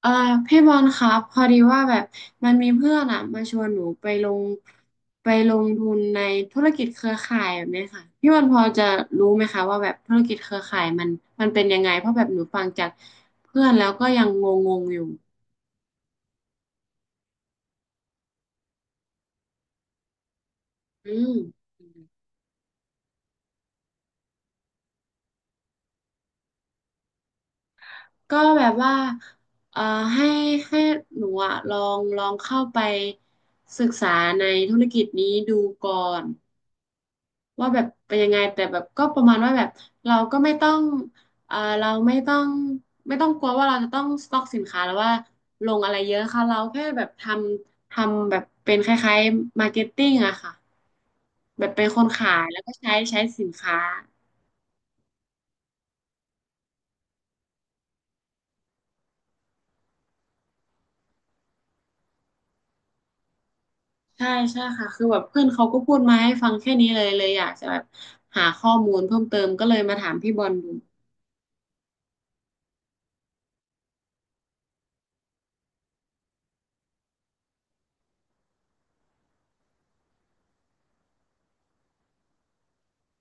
เอ่อพี่บอลครับพอดีว่าแบบมันมีเพื่อนอ่ะมาชวนหนูไปลงทุนในธุรกิจเครือข่ายแบบเนี้ยค่ะพี่บอลพอจะรู้ไหมคะว่าแบบธุรกิจเครือข่ายมันเป็นยังไงเพราะแบบหนูฟังจากเพื่อนแล้วก็ยังงงงอยู่อืมก็แบบว่าเอ่อให้ให้หนูอะลองเข้าไปศึกษาในธุรกิจนี้ดูก่อน ว่าแบบเป็นยังไงแต่แบบก็ประมาณว่าแบบเราก็ไม่ต้องเราไม่ต้องกลัวว่าเราจะต้องสต็อกสินค้าแล้วว่าลงอะไรเยอะค่ะเราแค่แบบทำแบบเป็นคล้ายๆมาร์เก็ตติ้งอะค่ะแบบเป็นคนขายแล้วก็ใช้สินค้าใช่ใช่ค่ะคือแบบเพื่อนเขาก็พูดมาให้ฟังแค่นี้เลยอยากจะแบบหาข้อมูลเพิ่มเติมก็เลยมาถามพี่บอลดู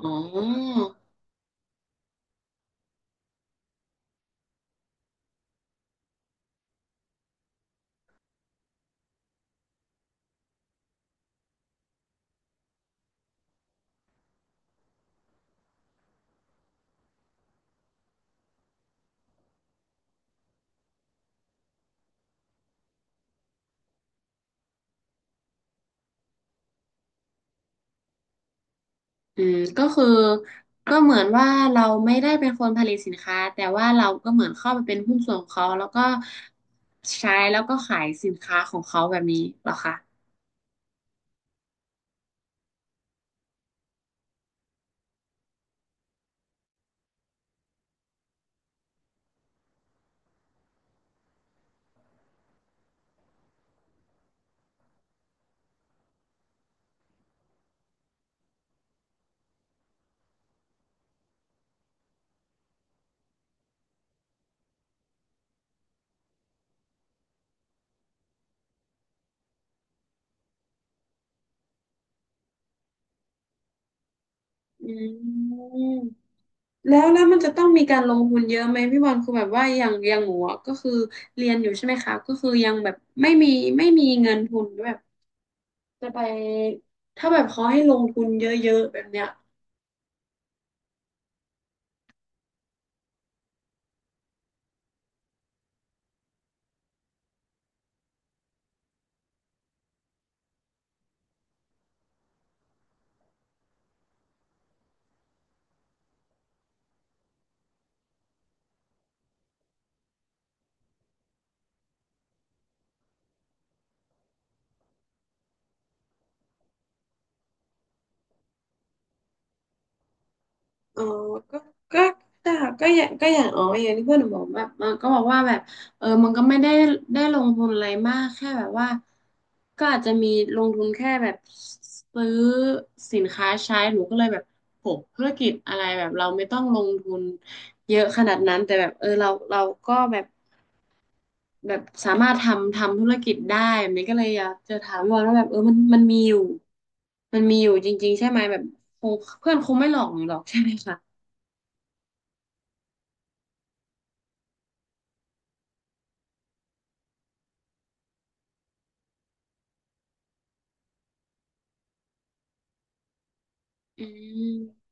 อ๋อ อืมก็คือก็เหมือนว่าเราไม่ได้เป็นคนผลิตสินค้าแต่ว่าเราก็เหมือนเข้าไปเป็นหุ้นส่วนของเขาแล้วก็ใช้แล้วก็ขายสินค้าของเขาแบบนี้เหรอคะอืมแล้วมันจะต้องมีการลงทุนเยอะไหมพี่บอลคือแบบว่าอย่างหนูอะก็คือเรียนอยู่ใช่ไหมคะก็คือยังแบบไม่มีเงินทุนแบบจะไปถ้าแบบเขาให้ลงทุนเยอะๆแบบเนี้ย อ๋อก็ก็แต่ก็อย่างอ๋ออย่างที่เพื่อนหนูบอกแบบมันก็บอกว่าแบบเออมันก็ไม่ได้ได้ลงทุนอะไรมากแค่แบบว่าก็อาจจะมีลงทุนแค่แบบซื้อสินค้าใช้หนูก็เลยแบบโหธุรกิจอะไรแบบเราไม่ต้องลงทุนเยอะขนาดนั้น แต่แบบเออเราก็แบบแบบสามารถทำธุรกิจได้แบบนี้ก็เลยอยากจะถามว่าแล้วแบบเออมันมีอยู่จริงๆใช่ไหมแบบคงเพื่อนคงไม่หลอกหนูหรอกใช่ไหมคะ อืม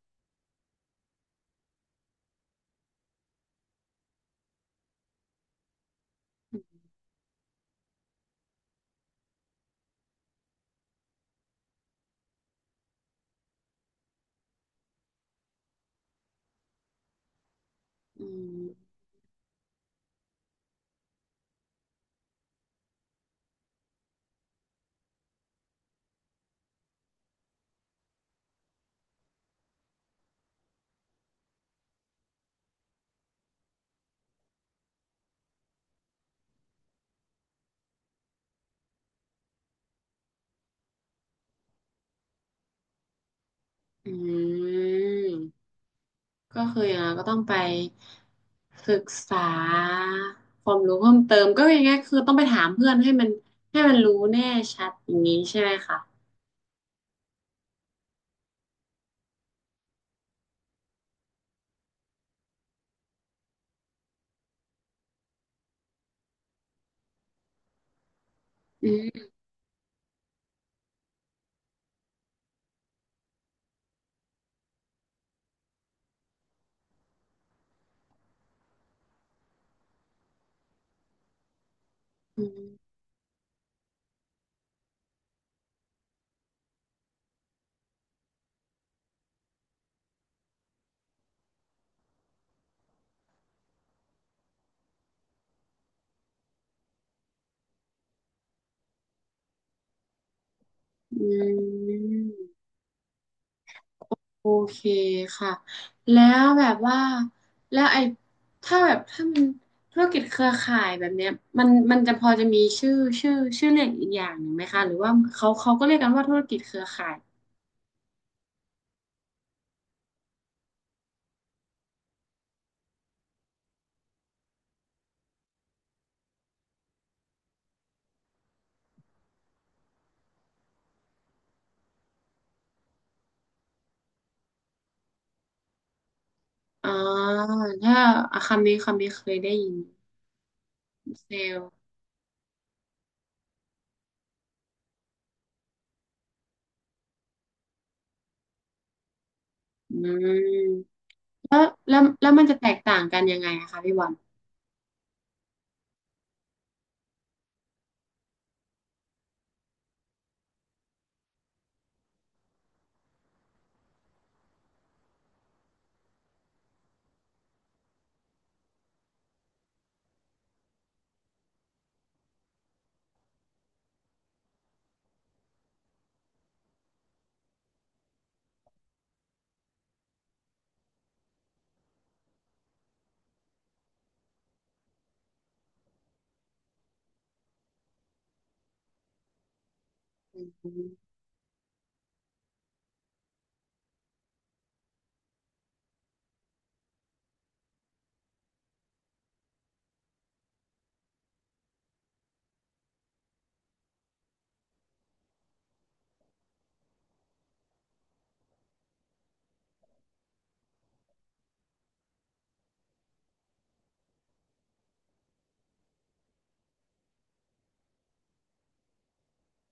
อืมอืมก็คืออย่างนั้นก็ต้องไปศึกษาความรู้เพิ่มเติมก็อยางไงคือต้องไปถามเพื่อนให้มันให้มันรู้แน่ชัดอย่างนี้ใช่ไหมคะอืมอืมอืมโอเคค่ะแล้วแบบว่าแล้วไอ้ถ้าแบบถ้ามันธุรกิจเครือข่ายแบบเนี้ยมันจะพอจะมีชื่อเรียกอีกอย่างหนึ่งไหมคะหรือว่าเขาก็เรียกกันว่าธุรกิจเครือข่าย อ่าถ้าอาคาเมเคยได้ยินเซลล์อืมแล้วแล้วมันจะแตกต่างกันยังไงอะคะพี่บอลอม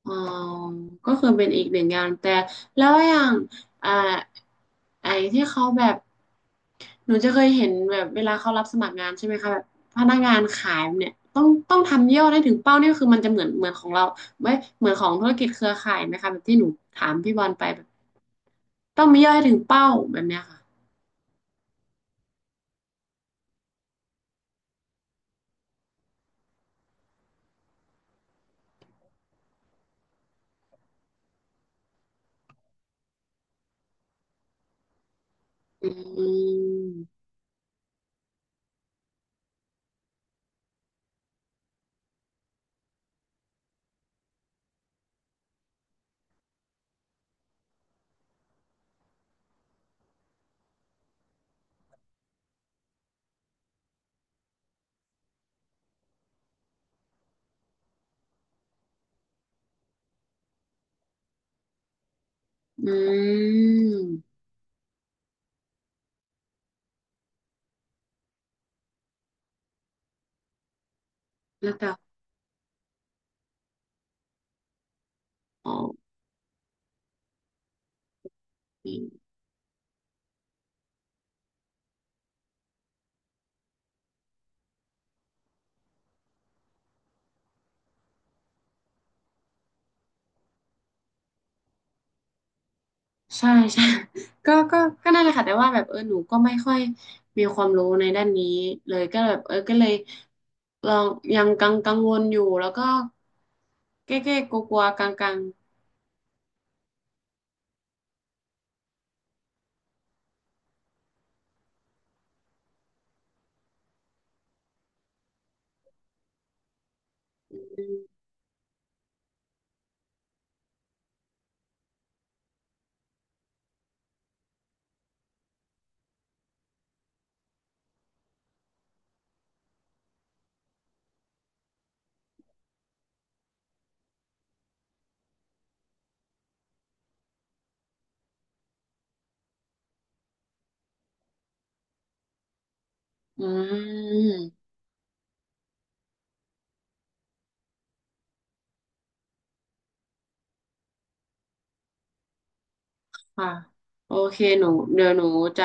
อ๋อก็คือเป็นอีกหนึ่งงานแต่แล้วอย่างอ่าไอ้ที่เขาแบบหนูจะเคยเห็นแบบเวลาเขารับสมัครงานใช่ไหมคะแบบพนักงานขายเนี่ยต้องทำยอดให้ถึงเป้าเนี่ยคือมันจะเหมือนของเราไว้ยเหมือนของธุรกิจเครือข่ายไหมคะแบบที่หนูถามพี่บอลไปแบบต้องมียอดให้ถึงเป้าแบบเนี้ยค่ะ อืมอืมแล้วก็อ๋อใช่ใช่ ก็ก็ก็นั่นแหละค่ะแต่ว่าแบบเออหนูก็ไม่ค่อยมีความรู้ในด้านนี้เลยก็แบบเออก็เลยลองยังกังวลอยู่แล้วก็เก้กลัวๆกลัวกลงกลงๆอืม ค่ะโอเคหนูเดี๋ยวหนูจะ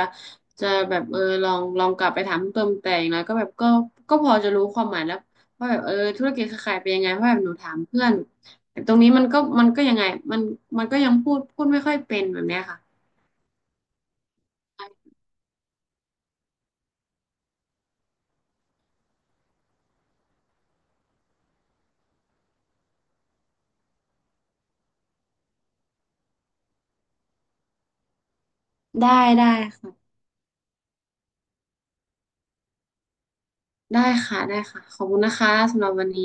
จะแบบเออลองกลับไปถามเพิ่มแต่อย่างน้อยก็แบบก็พอจะรู้ความหมายแล้วว่าแบบเออธุรกิจเครือข่ายเป็นยังไงเพราะแบบหนูถามเพื่อนแต่ตรงนี้มันก็ยังไงมันมันก็ยังพูดไม่ค่อยเป็นแบบเนี้ยค่ะได้ได้ค่ะได้ได้ค่ะขอบคุณนะคะสำหรับวันนี้